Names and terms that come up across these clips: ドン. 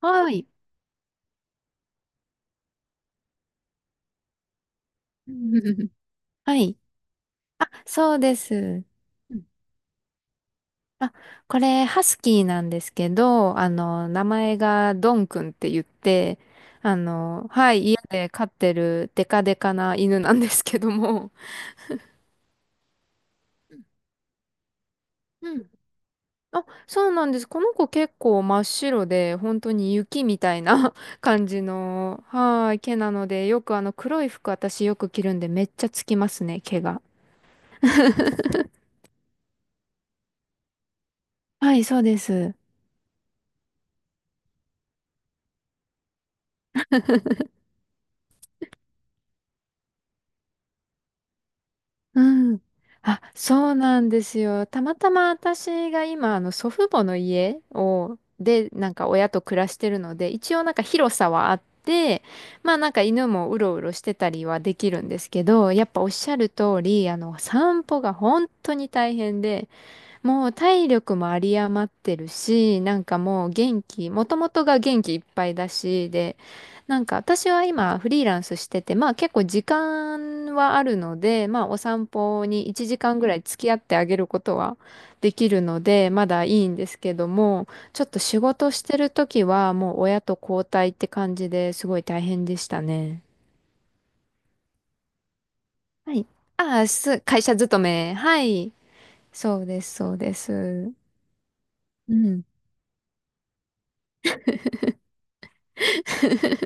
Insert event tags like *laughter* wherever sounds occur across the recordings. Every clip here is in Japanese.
はい。*laughs* はい。あ、そうです。うん。あ、これ、ハスキーなんですけど、名前がドンくんって言って、はい、家で飼ってるデカデカな犬なんですけども。うん。*laughs* あ、そうなんです。この子結構真っ白で、本当に雪みたいな *laughs* 感じの、はい、毛なので、よく黒い服私よく着るんで、めっちゃつきますね、毛が。*laughs* はい、そうです。うん。あ、そうなんですよ。たまたま私が今、祖父母の家を、で、なんか親と暮らしてるので、一応なんか広さはあって、まあなんか犬もうろうろしてたりはできるんですけど、やっぱおっしゃる通り、散歩が本当に大変で、もう体力も有り余ってるし、なんかもう元気、もともとが元気いっぱいだし、で、なんか私は今フリーランスしてて、まあ結構時間はあるので、まあお散歩に1時間ぐらい付き合ってあげることはできるので、まだいいんですけども、ちょっと仕事してる時はもう親と交代って感じですごい大変でしたね。はい。ああ、会社勤め。はい。そうです、そうです。うん。*laughs*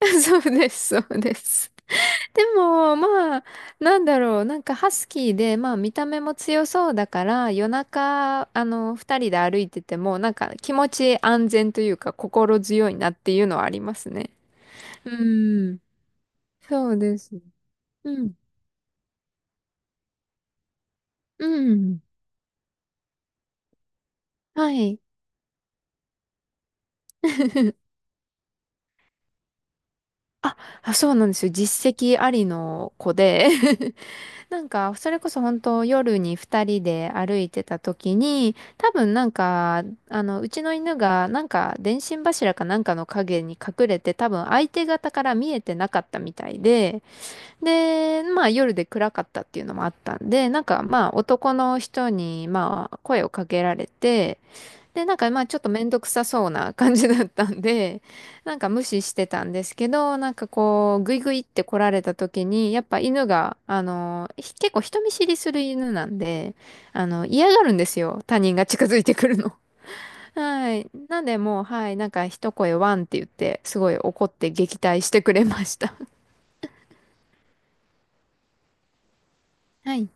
*laughs* そうです、そうです。でも、まあ、なんだろう、なんかハスキーで、まあ、見た目も強そうだから、夜中、二人で歩いてても、なんか気持ち安全というか、心強いなっていうのはありますね。うん、そうです。うん、うん、はい。*laughs* あ、そうなんですよ。実績ありの子で *laughs* なんか、それこそ本当夜に二人で歩いてた時に、多分なんか、うちの犬がなんか電信柱かなんかの影に隠れて、多分相手方から見えてなかったみたいで、で、まあ夜で暗かったっていうのもあったんで、なんかまあ男の人にまあ声をかけられて、で、なんかまあちょっとめんどくさそうな感じだったんで、*laughs* なんか無視してたんですけど、なんかこう、グイグイって来られた時に、やっぱ犬が、結構人見知りする犬なんで、嫌がるんですよ。他人が近づいてくるの。*laughs* はい。なんでもう、はい、なんか一声ワンって言って、すごい怒って撃退してくれました。はい。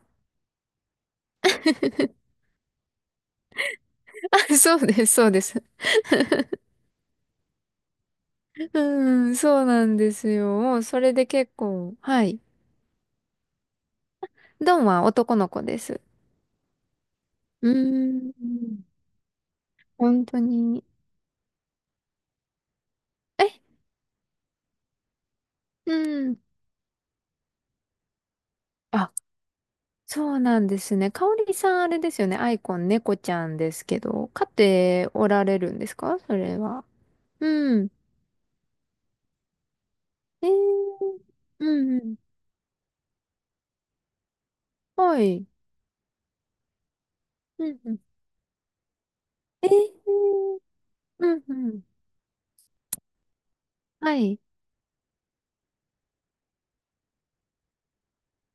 *laughs* そうです、そうです。*laughs* うん、そうなんですよ。もうそれで結構、はい。ドンは男の子です。うーん、本当に。え、うん。あ、そうなんですね。かおりさん、あれですよね。アイコン、猫ちゃんですけど、飼っておられるんですか、それは？うん。えー、うんうん。はい。うんうん。えー、うんうん。はい。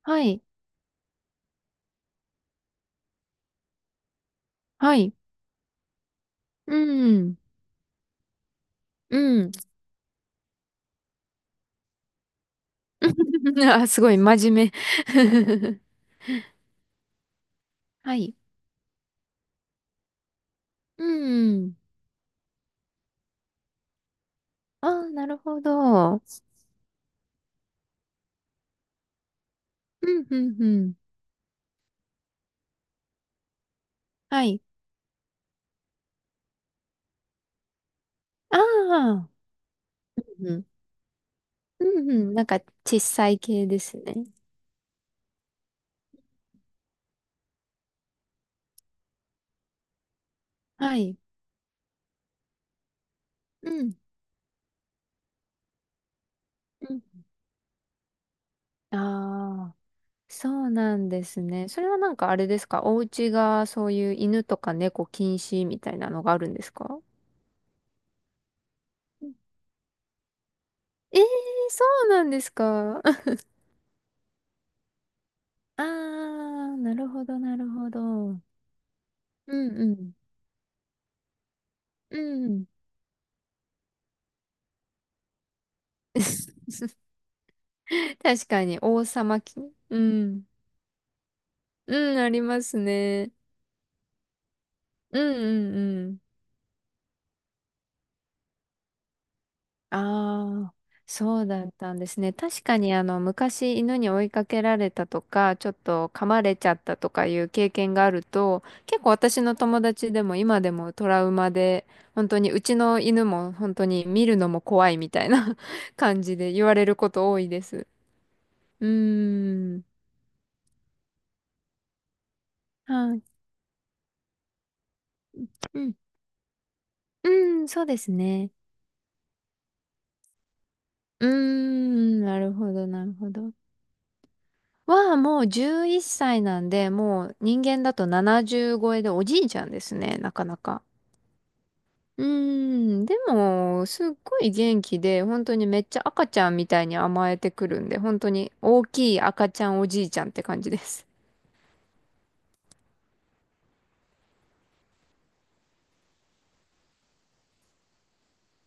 はい。はい。うん。うん。*laughs* あ、すごい、真面目。*laughs* はい。うん。あー、なるほど。うんうんうん。はい。ああ、うん。うんうん、なんか小さい系ですね。はい。うん。うん。ああ、そうなんですね。それはなんかあれですかお家がそういう犬とか猫禁止みたいなのがあるんですか？うん。ええ。そうなんですか？*laughs* ああ、なるほど、なるほど。うんうん。うん。*laughs* 確かに、王様き、うん。うん、ありますね。うんうんうん。ああ、そうだったんですね。確かにあの昔犬に追いかけられたとか、ちょっと噛まれちゃったとかいう経験があると、結構私の友達でも今でもトラウマで、本当にうちの犬も本当に見るのも怖いみたいな *laughs* 感じで言われること多いです。うーん。はい。うん。うーん、そうですね。うーん、なるほど、なるほど。はもう11歳なんで、もう人間だと70超えでおじいちゃんですね、なかなか。うーん、でも、すっごい元気で、本当にめっちゃ赤ちゃんみたいに甘えてくるんで、本当に大きい赤ちゃんおじいちゃんって感じです。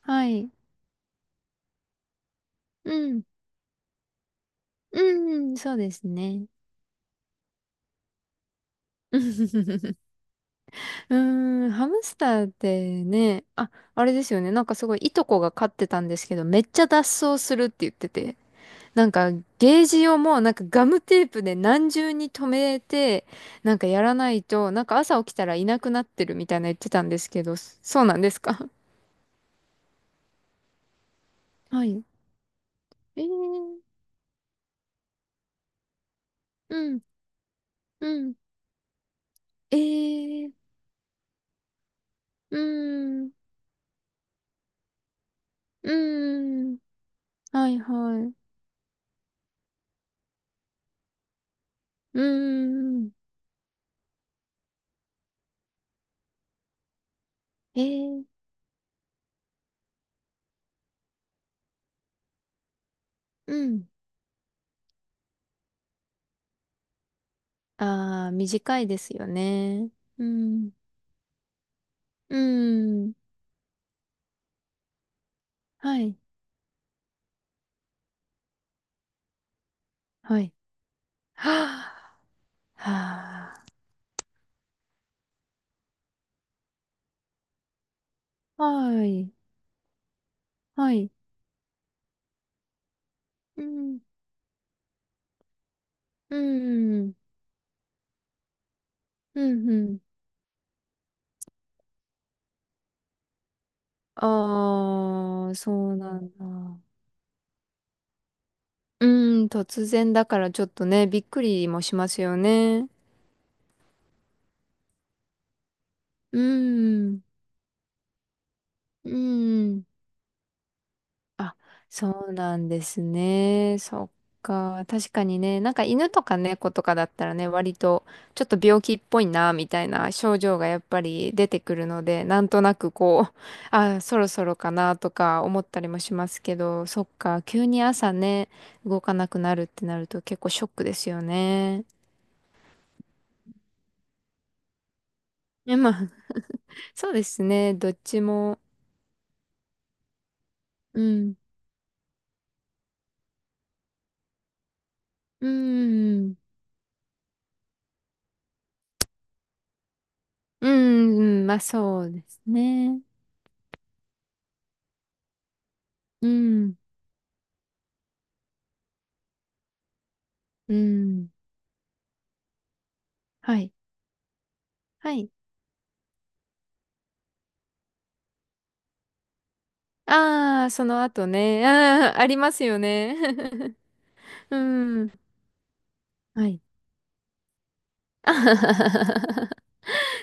*laughs* はい。うん。うん、そうですね。*laughs* うーん、ハムスターってね、あ、あれですよね。なんかすごいいとこが飼ってたんですけど、めっちゃ脱走するって言ってて。なんかゲージをもうなんかガムテープで何重に留めてなんかやらないとなんか朝起きたらいなくなってるみたいな言ってたんですけど、そうなんですか？ *laughs* はい。えー、うん、うん、えー、うん、うん、はいはい、うん、えー、うん。ああ、短いですよね。うん、うん、はい、はい。はあ、はあ、はい、はい。うんうん、うん、うん。ああ、そうなんだ。うん、突然だからちょっとね、びっくりもしますよね。うん、うん。あ、そうなんですね。そっか。確かにね、なんか犬とか猫とかだったらね、割とちょっと病気っぽいな、みたいな症状がやっぱり出てくるので、なんとなくこう、*laughs* あ、そろそろかなとか思ったりもしますけど、そっか。急に朝ね、動かなくなるってなると結構ショックですよね。え、まあ、*laughs* そうですね。どっちも。うん。うん。うん。うん。まあそうですね。うん。うん。はい。はい。ああ、その後ね。ああ、ありますよね。*laughs* うん。はい。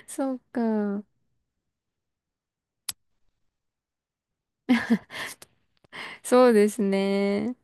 そうか。そうですね。